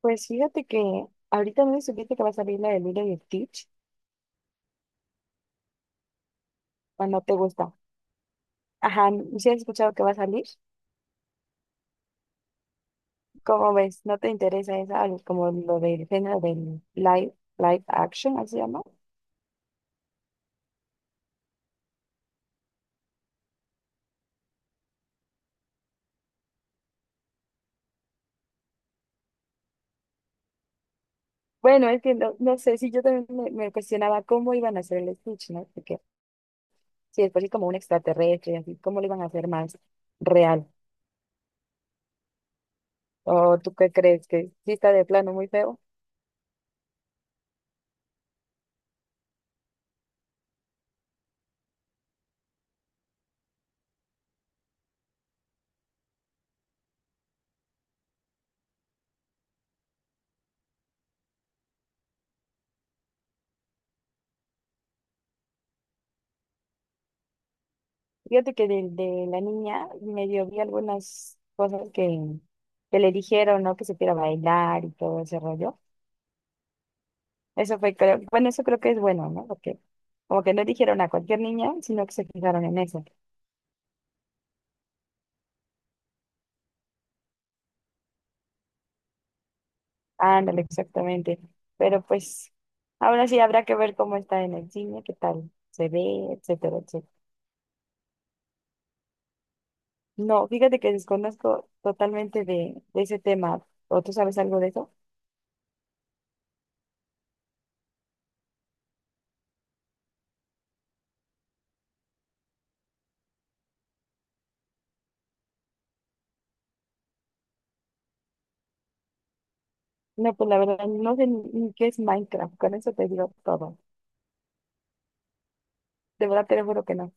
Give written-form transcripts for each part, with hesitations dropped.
Pues fíjate que ahorita no supiste que va a salir la de Lilo y Stitch, o no te gusta. Ajá, ¿no ¿sí has escuchado que va a salir? ¿Cómo ves? ¿No te interesa esa, como lo del género del live, live action, así se llama? Bueno, es que no sé, si yo también me cuestionaba cómo iban a hacer el Stitch, ¿no? Porque si después es como un extraterrestre, y así, ¿cómo lo iban a hacer más real? ¿O tú qué crees? ¿Que sí está de plano muy feo? Fíjate que de la niña medio vi algunas cosas que le dijeron, ¿no? Que supiera bailar y todo ese rollo. Eso fue, creo, bueno, eso creo que es bueno, ¿no? Porque como que no dijeron a cualquier niña, sino que se fijaron en eso. Ándale, exactamente. Pero pues, ahora sí habrá que ver cómo está en el cine, qué tal se ve, etcétera, etcétera. No, fíjate que desconozco totalmente de ese tema. ¿O tú sabes algo de eso? No, pues la verdad, no sé ni qué es Minecraft. Con eso te digo todo. De verdad te lo juro que no.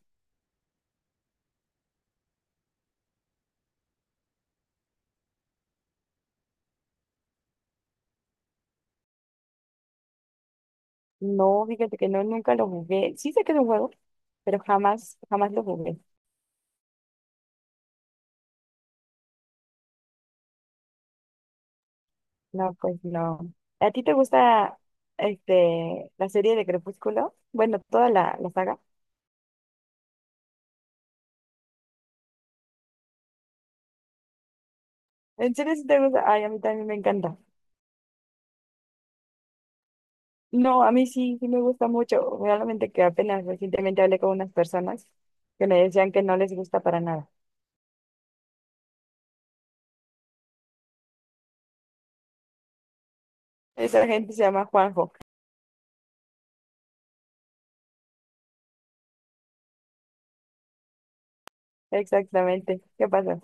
No, fíjate que no, nunca lo jugué. Sí sé que es un juego, pero jamás, jamás lo jugué. No, pues no. ¿A ti te gusta la serie de Crepúsculo? Bueno, toda la saga. ¿En serio sí te gusta? Ay, a mí también me encanta. No, a mí sí, sí me gusta mucho. Realmente que apenas recientemente hablé con unas personas que me decían que no les gusta para nada. Esa gente se llama Juanjo. Exactamente. ¿Qué pasa?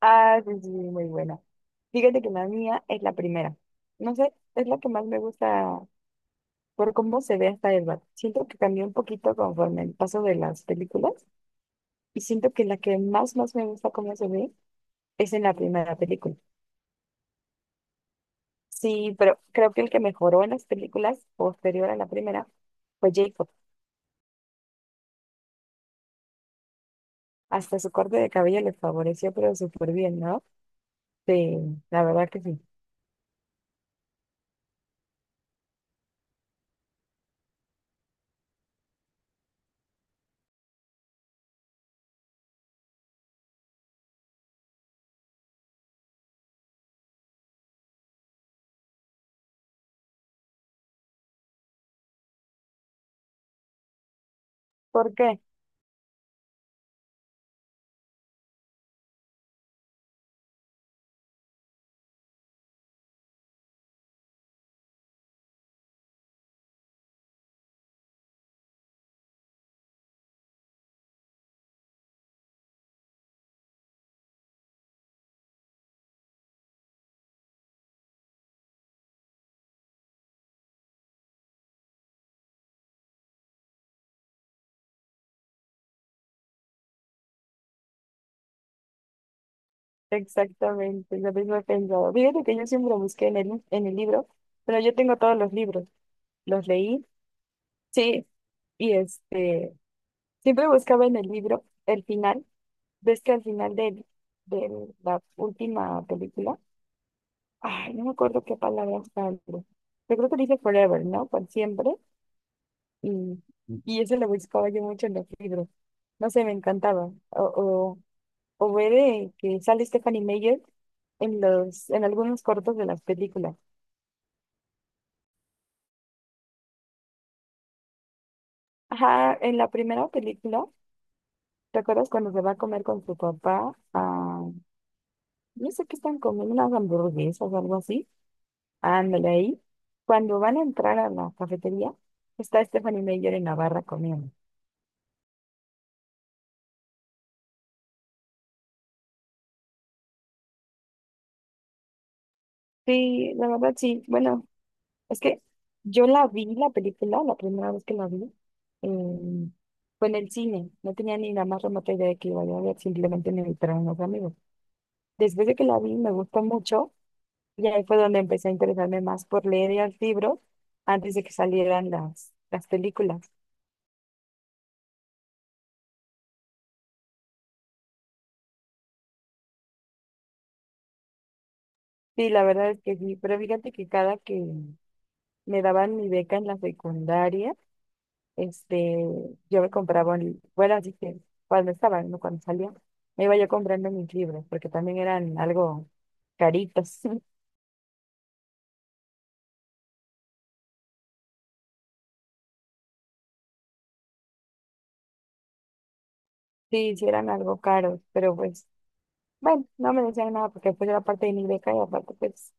Ah, sí, sí, muy buena. Fíjate que la mía es la primera. No sé, es la que más me gusta por cómo se ve hasta el bat. Siento que cambió un poquito conforme el paso de las películas y siento que la que más, más me gusta cómo se ve es en la primera película. Sí, pero creo que el que mejoró en las películas posterior a la primera fue Jacob. Hasta su corte de cabello le favoreció, pero súper bien, ¿no? Sí, la verdad que sí. ¿Por qué? Exactamente, lo mismo he pensado. Fíjate que yo siempre busqué en el libro, pero yo tengo todos los libros. Los leí, sí, y siempre buscaba en el libro el final, ves que al final de la última película, ay, no me acuerdo qué palabra sale, yo creo que dice forever, ¿no? Por siempre, y, y eso lo buscaba yo mucho en los libros, no sé, me encantaba, o ver que sale Stephanie Meyer en algunos cortos de las películas. Ajá, en la primera película, ¿te acuerdas cuando se va a comer con su papá? A No sé qué están comiendo, unas hamburguesas o algo así. Ándale ahí. Cuando van a entrar a la cafetería, está Stephanie Meyer en la barra comiendo. Sí, la verdad sí. Bueno, es que yo la vi, la película, la primera vez que la vi, em, fue en el cine. No tenía ni la más remota idea de que iba a ver, simplemente me invitaron unos amigos. Después de que la vi, me gustó mucho y ahí fue donde empecé a interesarme más por leer los libros antes de que salieran las películas. Sí, la verdad es que sí, pero fíjate que cada que me daban mi beca en la secundaria, este, yo me compraba, bueno, así que cuando estaba, no cuando salía, me iba yo comprando mis libros, porque también eran algo caritos, sí, sí eran algo caros, pero pues, bueno, no me decían nada porque pues era parte de mi beca y aparte pues,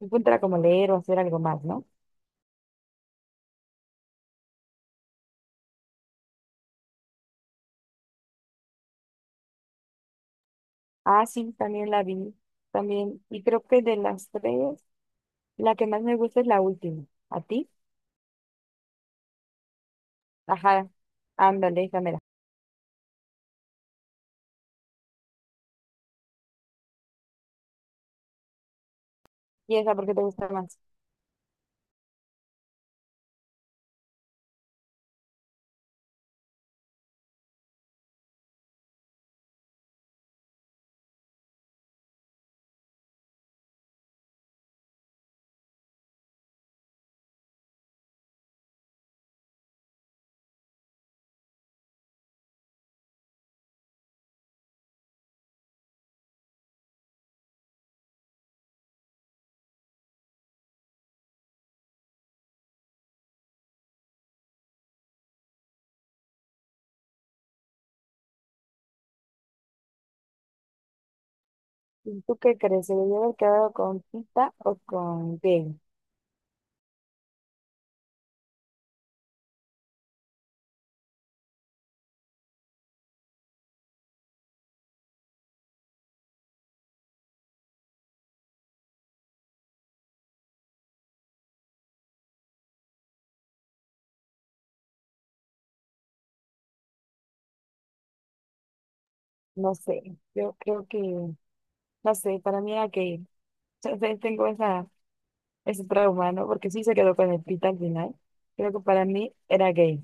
mi punto era como leer o hacer algo más, ¿no? Ah, sí, también la vi, también, y creo que de las tres, la que más me gusta es la última, ¿a ti? Ajá. Ándale, esa mera. ¿Y esa por qué te gusta más? ¿Y tú qué crees? ¿Se debió haber quedado con Pita o con Gale? No sé. Yo creo que, no sé, para mí era Gale. Yo sé, tengo esa, ese trauma, ¿no? Porque sí se quedó con el Pita al final. Creo que para mí era Gale.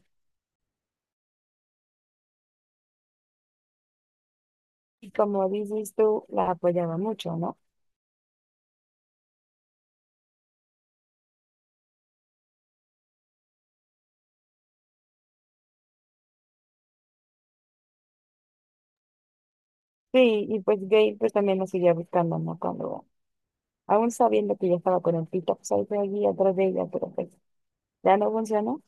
Y como dices tú, la apoyaba mucho, ¿no? Sí, y pues Gale pues también lo seguía buscando, ¿no? Cuando, aún sabiendo que ya estaba con el Pita, pues ahí fue allí atrás de ella, pero pues ya no funcionó.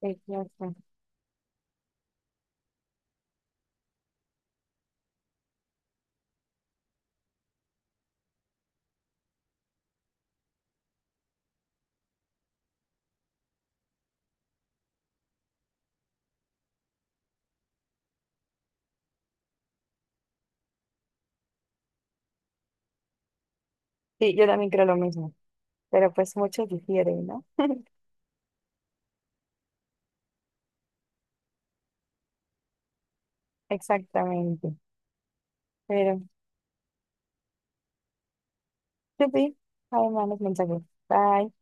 Exacto. Sí, yo también creo lo mismo. Pero pues muchos difieren, ¿no? Exactamente. Pero, chupi, además los mensajes. Bye.